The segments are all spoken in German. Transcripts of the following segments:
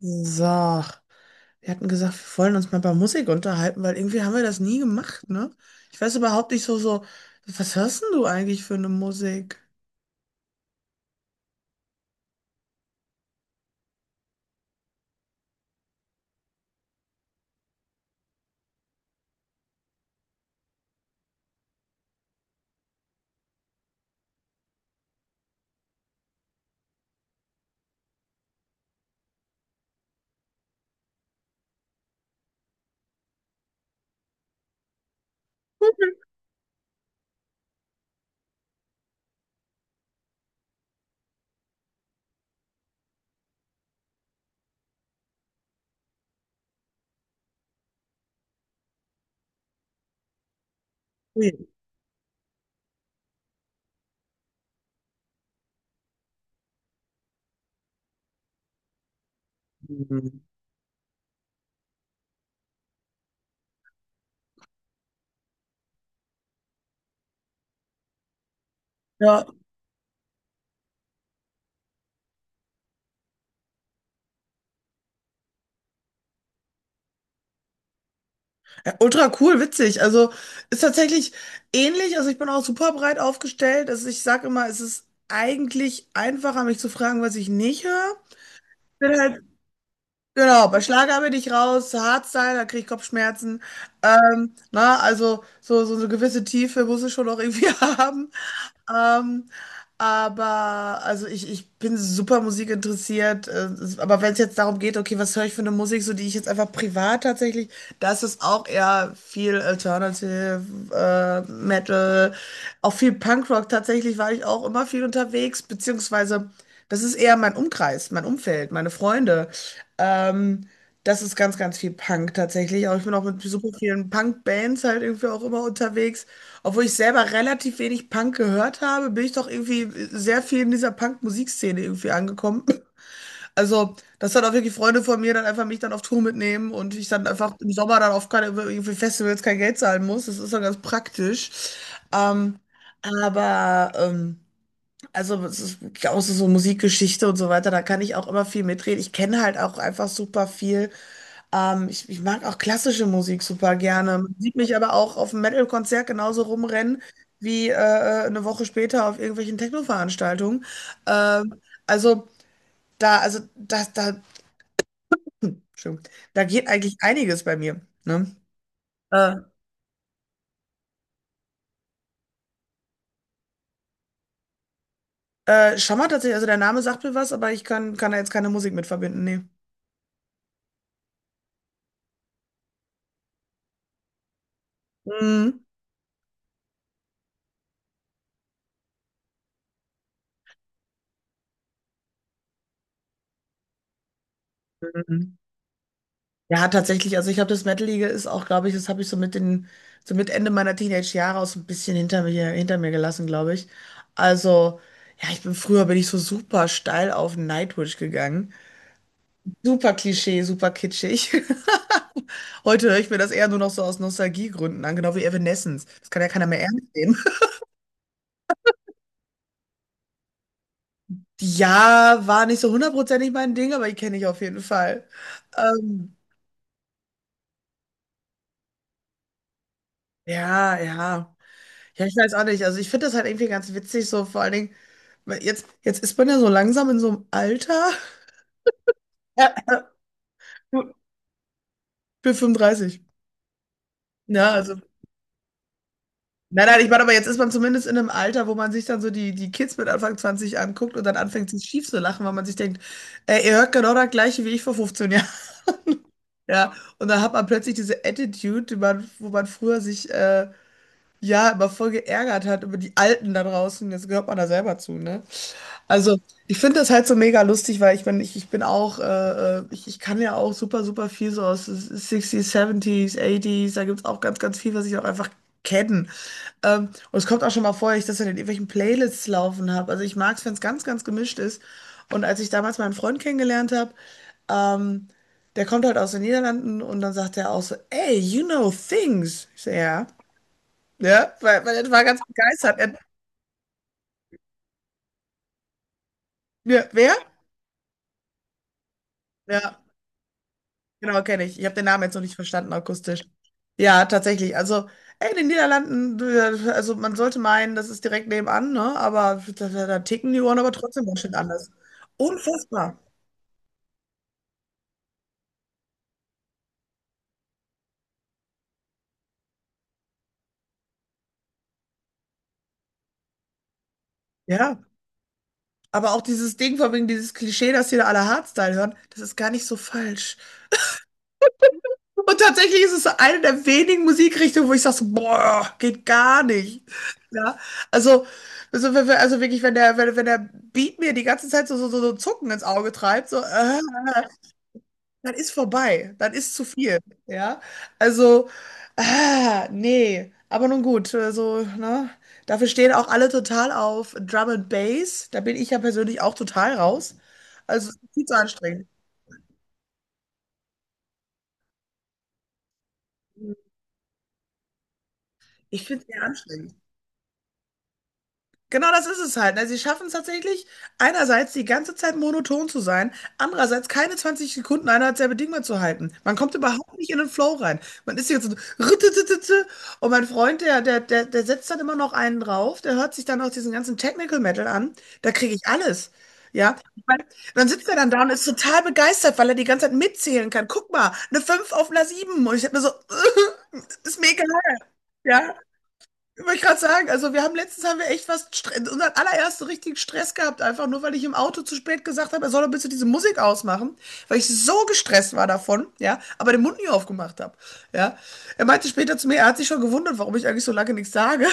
So, wir hatten gesagt, wir wollen uns mal über Musik unterhalten, weil irgendwie haben wir das nie gemacht, ne? Ich weiß überhaupt nicht so, was hörst denn du eigentlich für eine Musik? Ui. Ja, ja, ultra cool, witzig. Also ist tatsächlich ähnlich. Also ich bin auch super breit aufgestellt. Also ich sage immer, es ist eigentlich einfacher, mich zu fragen, was ich nicht höre. Bin halt, genau, bei Schlager bin ich raus, Hardstyle, da kriege ich Kopfschmerzen. Na, also so eine gewisse Tiefe muss es schon auch irgendwie haben. Ähm, aber also ich bin super musikinteressiert. Aber wenn es jetzt darum geht, okay, was höre ich für eine Musik, so die ich jetzt einfach privat tatsächlich, das ist auch eher viel Alternative, Metal, auch viel Punkrock. Tatsächlich war ich auch immer viel unterwegs, beziehungsweise das ist eher mein Umkreis, mein Umfeld, meine Freunde. Ähm, das ist ganz, ganz viel Punk tatsächlich. Auch ich bin auch mit super vielen Punk-Bands halt irgendwie auch immer unterwegs. Obwohl ich selber relativ wenig Punk gehört habe, bin ich doch irgendwie sehr viel in dieser Punk-Musikszene irgendwie angekommen. Also, dass dann auch wirklich Freunde von mir dann einfach mich dann auf Tour mitnehmen und ich dann einfach im Sommer dann auf keine, irgendwie Festivals kein Geld zahlen muss. Das ist dann ganz praktisch. Ähm, aber, ähm, also, es ist auch so Musikgeschichte und so weiter, da kann ich auch immer viel mitreden. Ich kenne halt auch einfach super viel. Ich mag auch klassische Musik super gerne. Man sieht mich aber auch auf einem Metal-Konzert genauso rumrennen wie eine Woche später auf irgendwelchen Techno-Veranstaltungen. Ähm, also da, also das, da, Entschuldigung, da geht eigentlich einiges bei mir. Ne? Äh, Schammer tatsächlich, also der Name sagt mir was, aber ich kann da jetzt keine Musik mit verbinden. Nee. Mhm. Mhm. Ja, tatsächlich. Also ich habe das Metal-Liga ist auch, glaube ich, das habe ich so mit den, so mit Ende meiner Teenage-Jahre auch so ein bisschen hinter mir gelassen, glaube ich. Also, ja, ich bin früher bin ich so super steil auf Nightwish gegangen. Super Klischee, super kitschig. Heute höre ich mir das eher nur noch so aus Nostalgiegründen an, genau wie Evanescence. Das kann ja keiner mehr ernst nehmen. Ja, war nicht so hundertprozentig mein Ding, aber die kenne ich auf jeden Fall. Ähm, ja, ja. Ja, ich weiß auch nicht. Also ich finde das halt irgendwie ganz witzig, so vor allen Dingen. Weil jetzt ist man ja so langsam in so einem Alter. Ich bin 35. Ja, also. Nein, nein, ich meine, aber jetzt ist man zumindest in einem Alter, wo man sich dann so die, die Kids mit Anfang 20 anguckt und dann anfängt, sich schief zu lachen, weil man sich denkt, ey, ihr hört genau das Gleiche wie ich vor 15 Jahren. Ja, und dann hat man plötzlich diese Attitude, die man, wo man früher sich ja immer voll geärgert hat über die Alten da draußen. Jetzt gehört man da selber zu, ne? Also, ich finde das halt so mega lustig, weil ich kann ja auch super, super viel so aus 60ern, 70ern da gibt es auch ganz, ganz viel, was ich auch einfach kenne. Und es kommt auch schon mal vor, dass ich das in irgendwelchen Playlists laufen habe. Also ich mag es, wenn es ganz, ganz gemischt ist. Und als ich damals meinen Freund kennengelernt habe, ähm, der kommt halt aus den Niederlanden und dann sagt er auch so, ey, you know things. Ich so, ja. Ja, weil, weil er war ganz begeistert. Ja, wer? Ja. Genau, kenne ich. Ich habe den Namen jetzt noch nicht verstanden, akustisch. Ja, tatsächlich. Also, ey, in den Niederlanden, also man sollte meinen, das ist direkt nebenan, ne? Aber da ticken die Uhren aber trotzdem ganz schön anders. Unfassbar. Ja. Aber auch dieses Ding von wegen dieses Klischee, dass hier alle Hardstyle hören, das ist gar nicht so falsch. Und tatsächlich ist es eine der wenigen Musikrichtungen, wo ich sage, so, boah, geht gar nicht. Ja, also, also, wenn wir- also wirklich, wenn der, wenn der Beat mir die ganze Zeit so Zucken ins Auge treibt, so, das ist vorbei. Das ist zu viel, ja. Also, ah, nee, aber nun gut, also, ne. Dafür stehen auch alle total auf Drum and Bass. Da bin ich ja persönlich auch total raus. Also, es ist viel zu anstrengend. Ich finde es sehr anstrengend. Genau das ist es halt. Ne? Sie schaffen es tatsächlich, einerseits die ganze Zeit monoton zu sein, andererseits keine 20 Sekunden einer selbe Ding mehr zu halten. Man kommt überhaupt nicht in den Flow rein. Man ist hier so rüttetete und mein Freund, der setzt dann immer noch einen drauf, der hört sich dann auch diesen ganzen Technical Metal an, da kriege ich alles. Ja, Ich mein, dann sitzt er dann da und ist total begeistert, weil er die ganze Zeit mitzählen kann. Guck mal, eine 5 auf einer sieben. Und ich hab mir so, ist mega. Ja, wollte ich gerade sagen, also wir haben letztens haben wir echt was, unseren allerersten richtigen Stress gehabt, einfach nur weil ich im Auto zu spät gesagt habe, er soll doch bitte diese Musik ausmachen, weil ich so gestresst war davon, ja, aber den Mund nie aufgemacht habe, ja. Er meinte später zu mir, er hat sich schon gewundert, warum ich eigentlich so lange nichts sage.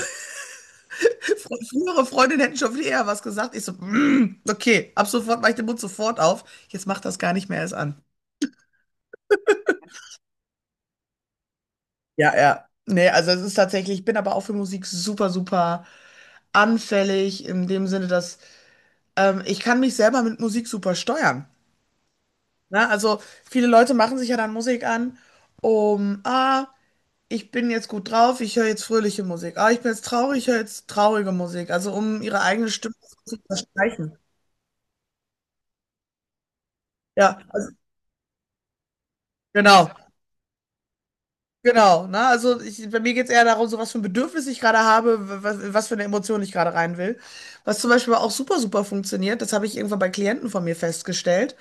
Frühere Freundinnen hätten schon viel eher was gesagt. Ich so, okay, ab sofort mache ich den Mund sofort auf. Jetzt macht das gar nicht mehr erst an. Ja, ja. Nee, also es ist tatsächlich, ich bin aber auch für Musik super, super anfällig, in dem Sinne, dass ich kann mich selber mit Musik super steuern. Ne? Also viele Leute machen sich ja dann Musik an, um, ich bin jetzt gut drauf, ich höre jetzt fröhliche Musik. Ah, ich bin jetzt traurig, ich höre jetzt traurige Musik. Also um ihre eigene Stimme zu verstreichen. Ja, also, genau. Genau, ne? Also ich, bei mir geht es eher darum, so was für ein Bedürfnis ich gerade habe, was für eine Emotion ich gerade rein will. Was zum Beispiel auch super, super funktioniert, das habe ich irgendwann bei Klienten von mir festgestellt,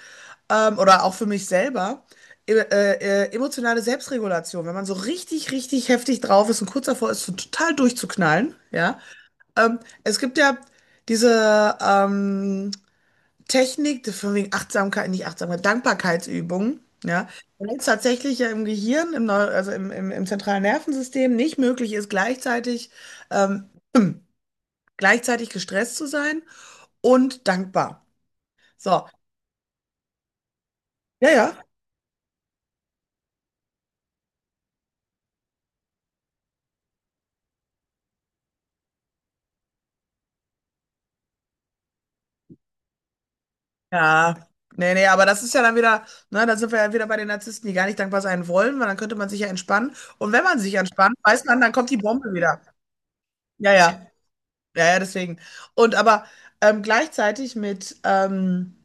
oder auch für mich selber, e emotionale Selbstregulation. Wenn man so richtig, richtig heftig drauf ist und kurz davor ist, so total durchzuknallen, ja. Ähm, es gibt ja diese, ähm, Technik, von wegen Achtsamkeit, nicht Achtsamkeit, Dankbarkeitsübungen, ja, wenn es tatsächlich ja im Gehirn, im Neu also im, im, im zentralen Nervensystem nicht möglich ist, gleichzeitig, ähm, gleichzeitig gestresst zu sein und dankbar. So, ja, ja. Ja, nee, nee, aber das ist ja dann wieder, ne, da sind wir ja wieder bei den Narzissten, die gar nicht dankbar sein wollen, weil dann könnte man sich ja entspannen. Und wenn man sich entspannt, weiß man, dann kommt die Bombe wieder. Ja, ja, ja, ja, deswegen. Und aber gleichzeitig mit,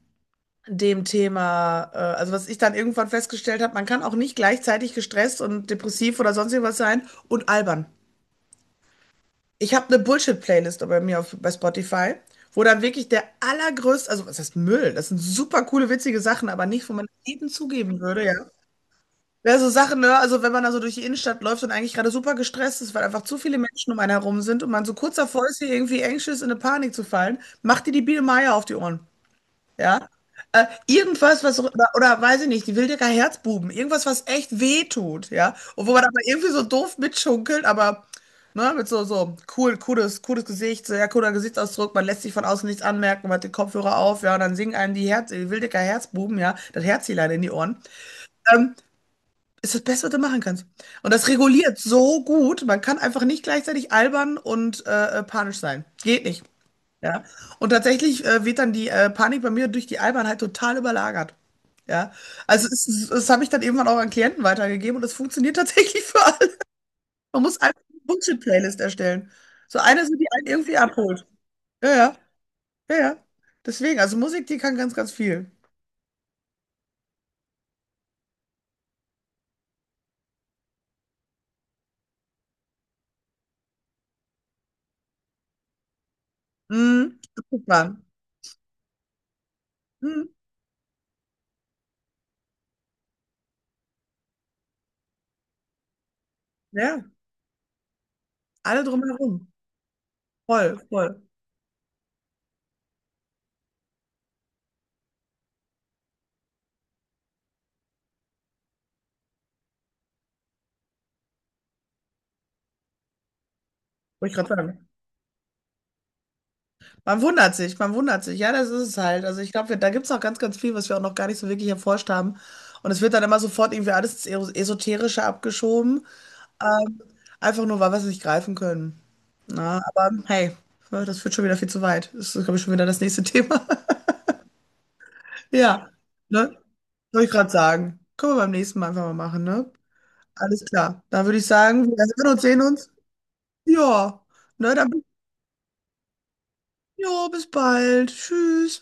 dem Thema, also was ich dann irgendwann festgestellt habe, man kann auch nicht gleichzeitig gestresst und depressiv oder sonst irgendwas sein und albern. Ich habe eine Bullshit-Playlist bei mir auf, bei Spotify, wo dann wirklich der allergrößte, also was heißt Müll? Das sind super coole, witzige Sachen, aber nicht, wo man jedem zugeben würde, ja. Ja, so Sachen, ne? Also wenn man da so durch die Innenstadt läuft und eigentlich gerade super gestresst ist, weil einfach zu viele Menschen um einen herum sind und man so kurz davor ist, hier irgendwie anxious in eine Panik zu fallen, macht dir die Biene Meier auf die Ohren. Ja. Irgendwas, was, so, oder weiß ich nicht, die Wildecker Herzbuben, irgendwas, was echt weh tut, ja. Und wo man aber irgendwie so doof mitschunkelt, aber ne, mit so, so cooles Gesicht, sehr cooler Gesichtsausdruck, man lässt sich von außen nichts anmerken, man hat den Kopfhörer auf, ja, und dann singen einem die Wildecker Herzbuben, ja, das Herzelein in die Ohren. Ähm, ist das Beste, was du machen kannst. Und das reguliert so gut, man kann einfach nicht gleichzeitig albern und panisch sein. Geht nicht. Ja. Und tatsächlich wird dann die Panik bei mir durch die Albernheit total überlagert. Ja. Also das habe ich dann irgendwann auch an Klienten weitergegeben und es funktioniert tatsächlich für alle. Man muss einfach eine Bullshit-Playlist erstellen. So eine, so die einen irgendwie abholt. Ja, ja, ja, ja. Deswegen, also Musik, die kann ganz, ganz viel. Mhm. Abgefahren. Mhm. Ja, alle drumherum. Voll, voll. Wollte ich gerade sagen. Man wundert sich, man wundert sich. Ja, das ist es halt. Also ich glaube, wir- da gibt es auch ganz, ganz viel, was wir auch noch gar nicht so wirklich erforscht haben. Und es wird dann immer sofort irgendwie alles ins Esoterische abgeschoben. Ähm, einfach nur, weil wir es nicht greifen können. Na, aber hey, das führt schon wieder viel zu weit. Das ist, glaube ich, schon wieder das nächste Thema. Ja, ne? Soll ich gerade sagen. Können wir beim nächsten Mal einfach mal machen, ne? Alles klar. Dann würde ich sagen, wir hören uns, sehen uns. Ja, ne, jo, bis bald. Tschüss.